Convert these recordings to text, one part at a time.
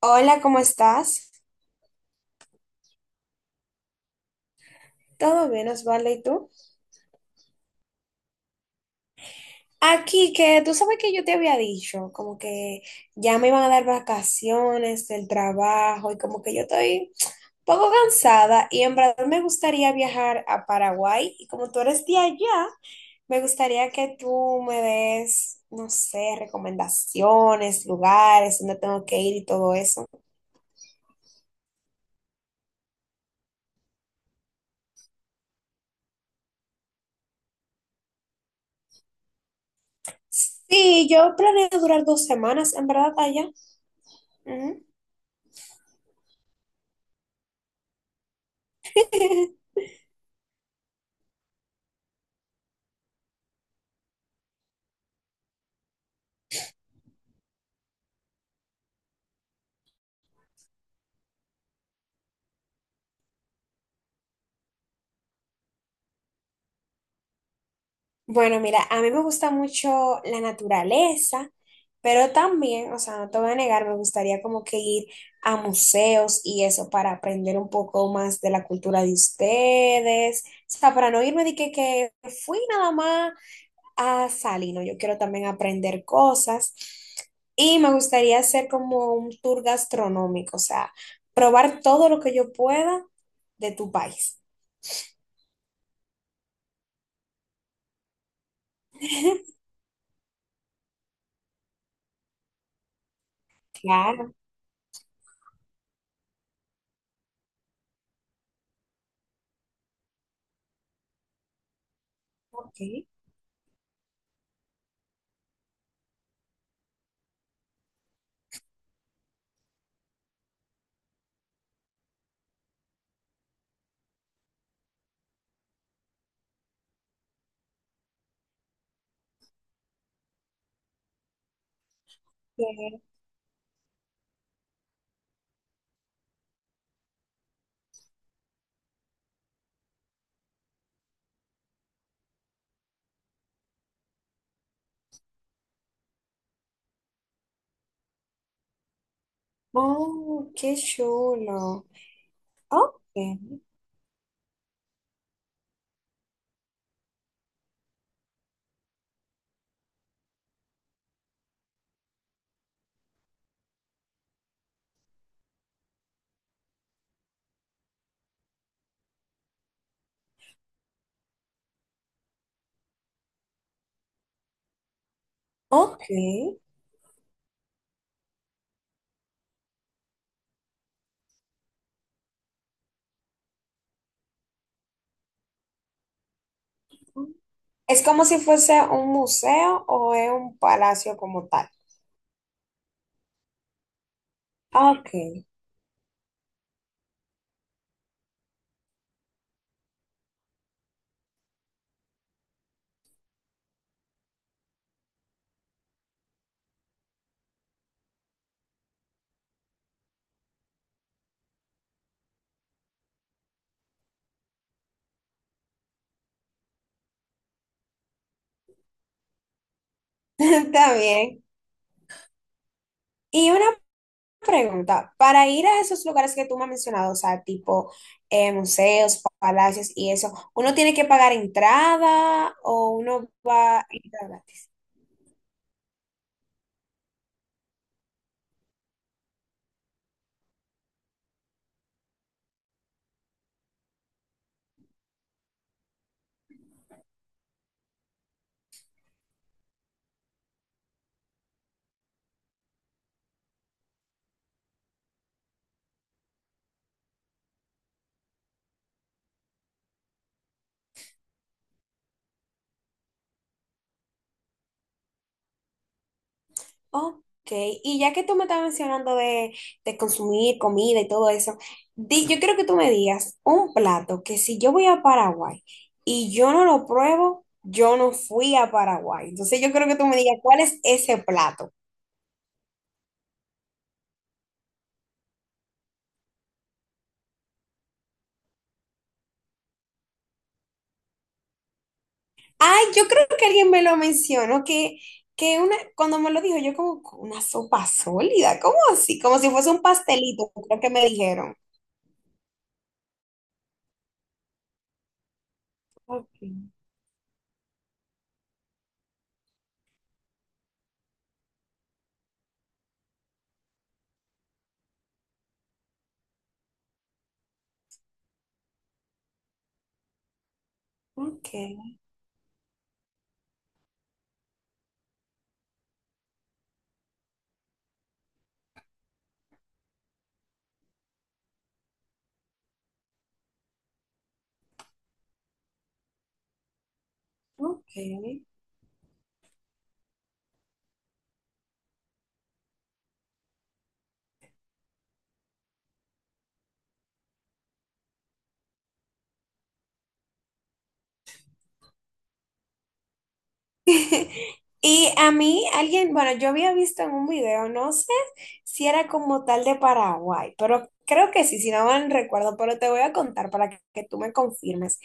Hola, ¿cómo estás? ¿Todo bien, Osvaldo? ¿Y tú? Aquí, que tú sabes que yo te había dicho, como que ya me iban a dar vacaciones del trabajo y como que yo estoy un poco cansada y en verdad me gustaría viajar a Paraguay y como tú eres de allá, me gustaría que tú me des, no sé, recomendaciones, lugares, dónde tengo que ir y todo eso. Sí, yo planeo durar 2 semanas, en verdad, allá. Ujú. Bueno, mira, a mí me gusta mucho la naturaleza, pero también, o sea, no te voy a negar, me gustaría como que ir a museos y eso para aprender un poco más de la cultura de ustedes. O sea, para no irme de que fui nada más a Salino, yo quiero también aprender cosas y me gustaría hacer como un tour gastronómico, o sea, probar todo lo que yo pueda de tu país. Claro, ok. Oh, qué chulo. Ok, ok. ¿Es como si fuese un museo o es un palacio como tal? Ok, está bien. Y una pregunta, para ir a esos lugares que tú me has mencionado, o sea, tipo museos, palacios y eso, ¿uno tiene que pagar entrada o uno va a entrar? Ok, y ya que tú me estás mencionando de consumir comida y todo eso, yo quiero que tú me digas un plato que si yo voy a Paraguay y yo no lo pruebo, yo no fui a Paraguay. Entonces yo creo que tú me digas cuál es ese plato. Ay, yo creo que alguien me lo mencionó, que una, cuando me lo dijo, yo como una sopa sólida, ¿cómo así? Como si fuese un pastelito, creo que me dijeron. Ok, ok, ok. Y a mí alguien, bueno, yo había visto en un video, no sé si era como tal de Paraguay, pero creo que sí, si no mal recuerdo, pero te voy a contar que tú me confirmes,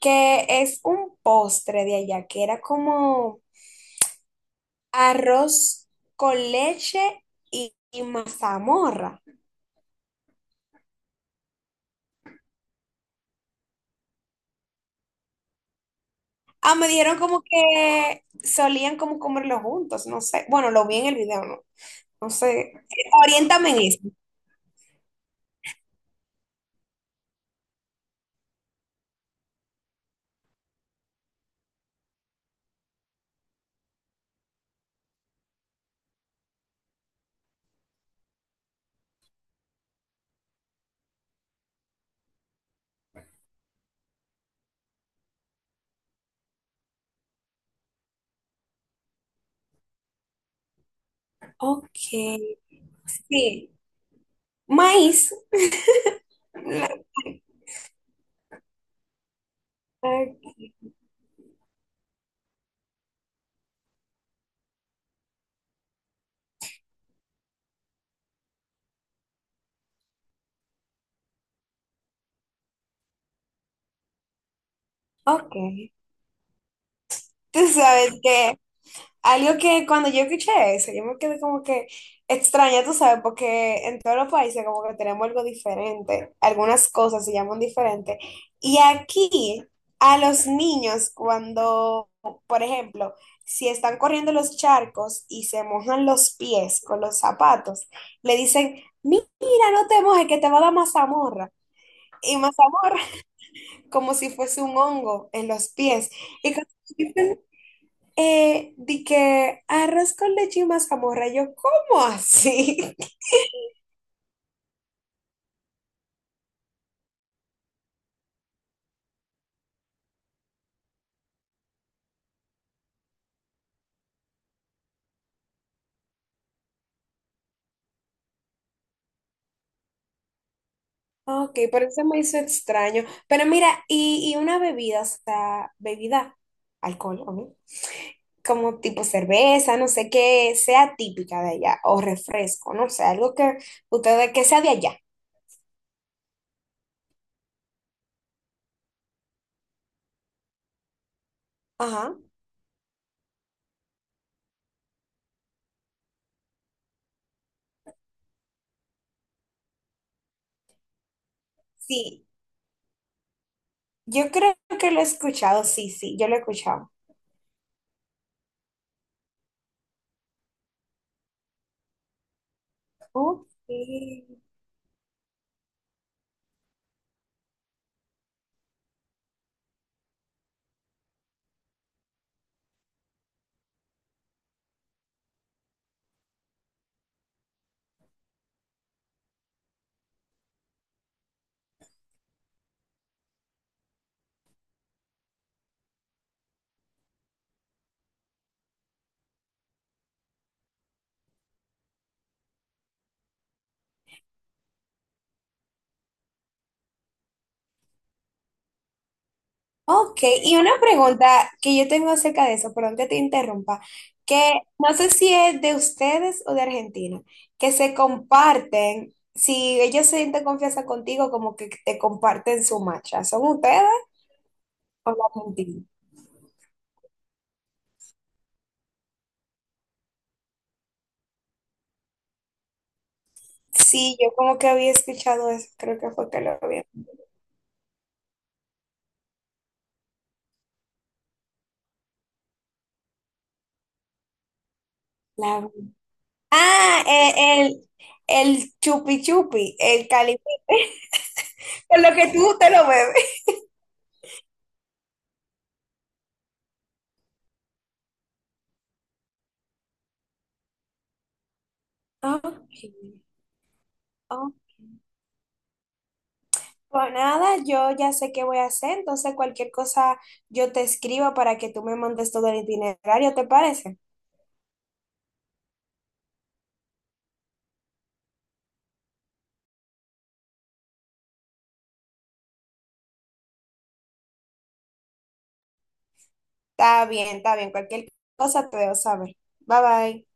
que es un postre de allá, que era como arroz con leche y mazamorra. Ah, me dijeron como que solían como comerlo juntos, no sé, bueno, lo vi en el video, no, no sé, oriéntame en eso. Ok, sí, maíz. La- Ok, tú sabes que algo que cuando yo escuché eso, yo me quedé como que extraña, tú sabes, porque en todos los países como que tenemos algo diferente, algunas cosas se llaman diferente. Y aquí a los niños cuando, por ejemplo, si están corriendo los charcos y se mojan los pies con los zapatos, le dicen, mira, no te mojes, que te va a dar mazamorra. Y más amor, como si fuese un hongo en los pies. Y cuando me dicen, di que arroz con leche y mazamorra, yo, ¿cómo así? Ok, pero eso me hizo extraño. Pero mira, y una bebida, o sea, bebida, alcohol, ¿no? Como tipo cerveza, no sé, qué sea típica de allá, o refresco, no sé, algo que ustedes, que sea de allá. Ajá, sí, yo creo que lo he escuchado, sí, sí, yo lo he escuchado. Ok. Ok, y una pregunta que yo tengo acerca de eso, perdón que te interrumpa, que no sé si es de ustedes o de Argentina, que se comparten, si ellos se sienten confianza contigo, como que te comparten su macha, ¿son ustedes o los argentinos? Sí, yo como que había escuchado eso, creo que fue que lo vi. La- Ah, el chupi chupi, el caliente, con lo que tú te lo bebes. Ok, ok. Pues nada, yo ya sé qué voy a hacer, entonces cualquier cosa yo te escribo para que tú me montes todo el itinerario, ¿te parece? Está bien, cualquier cosa te debo saber. Bye bye.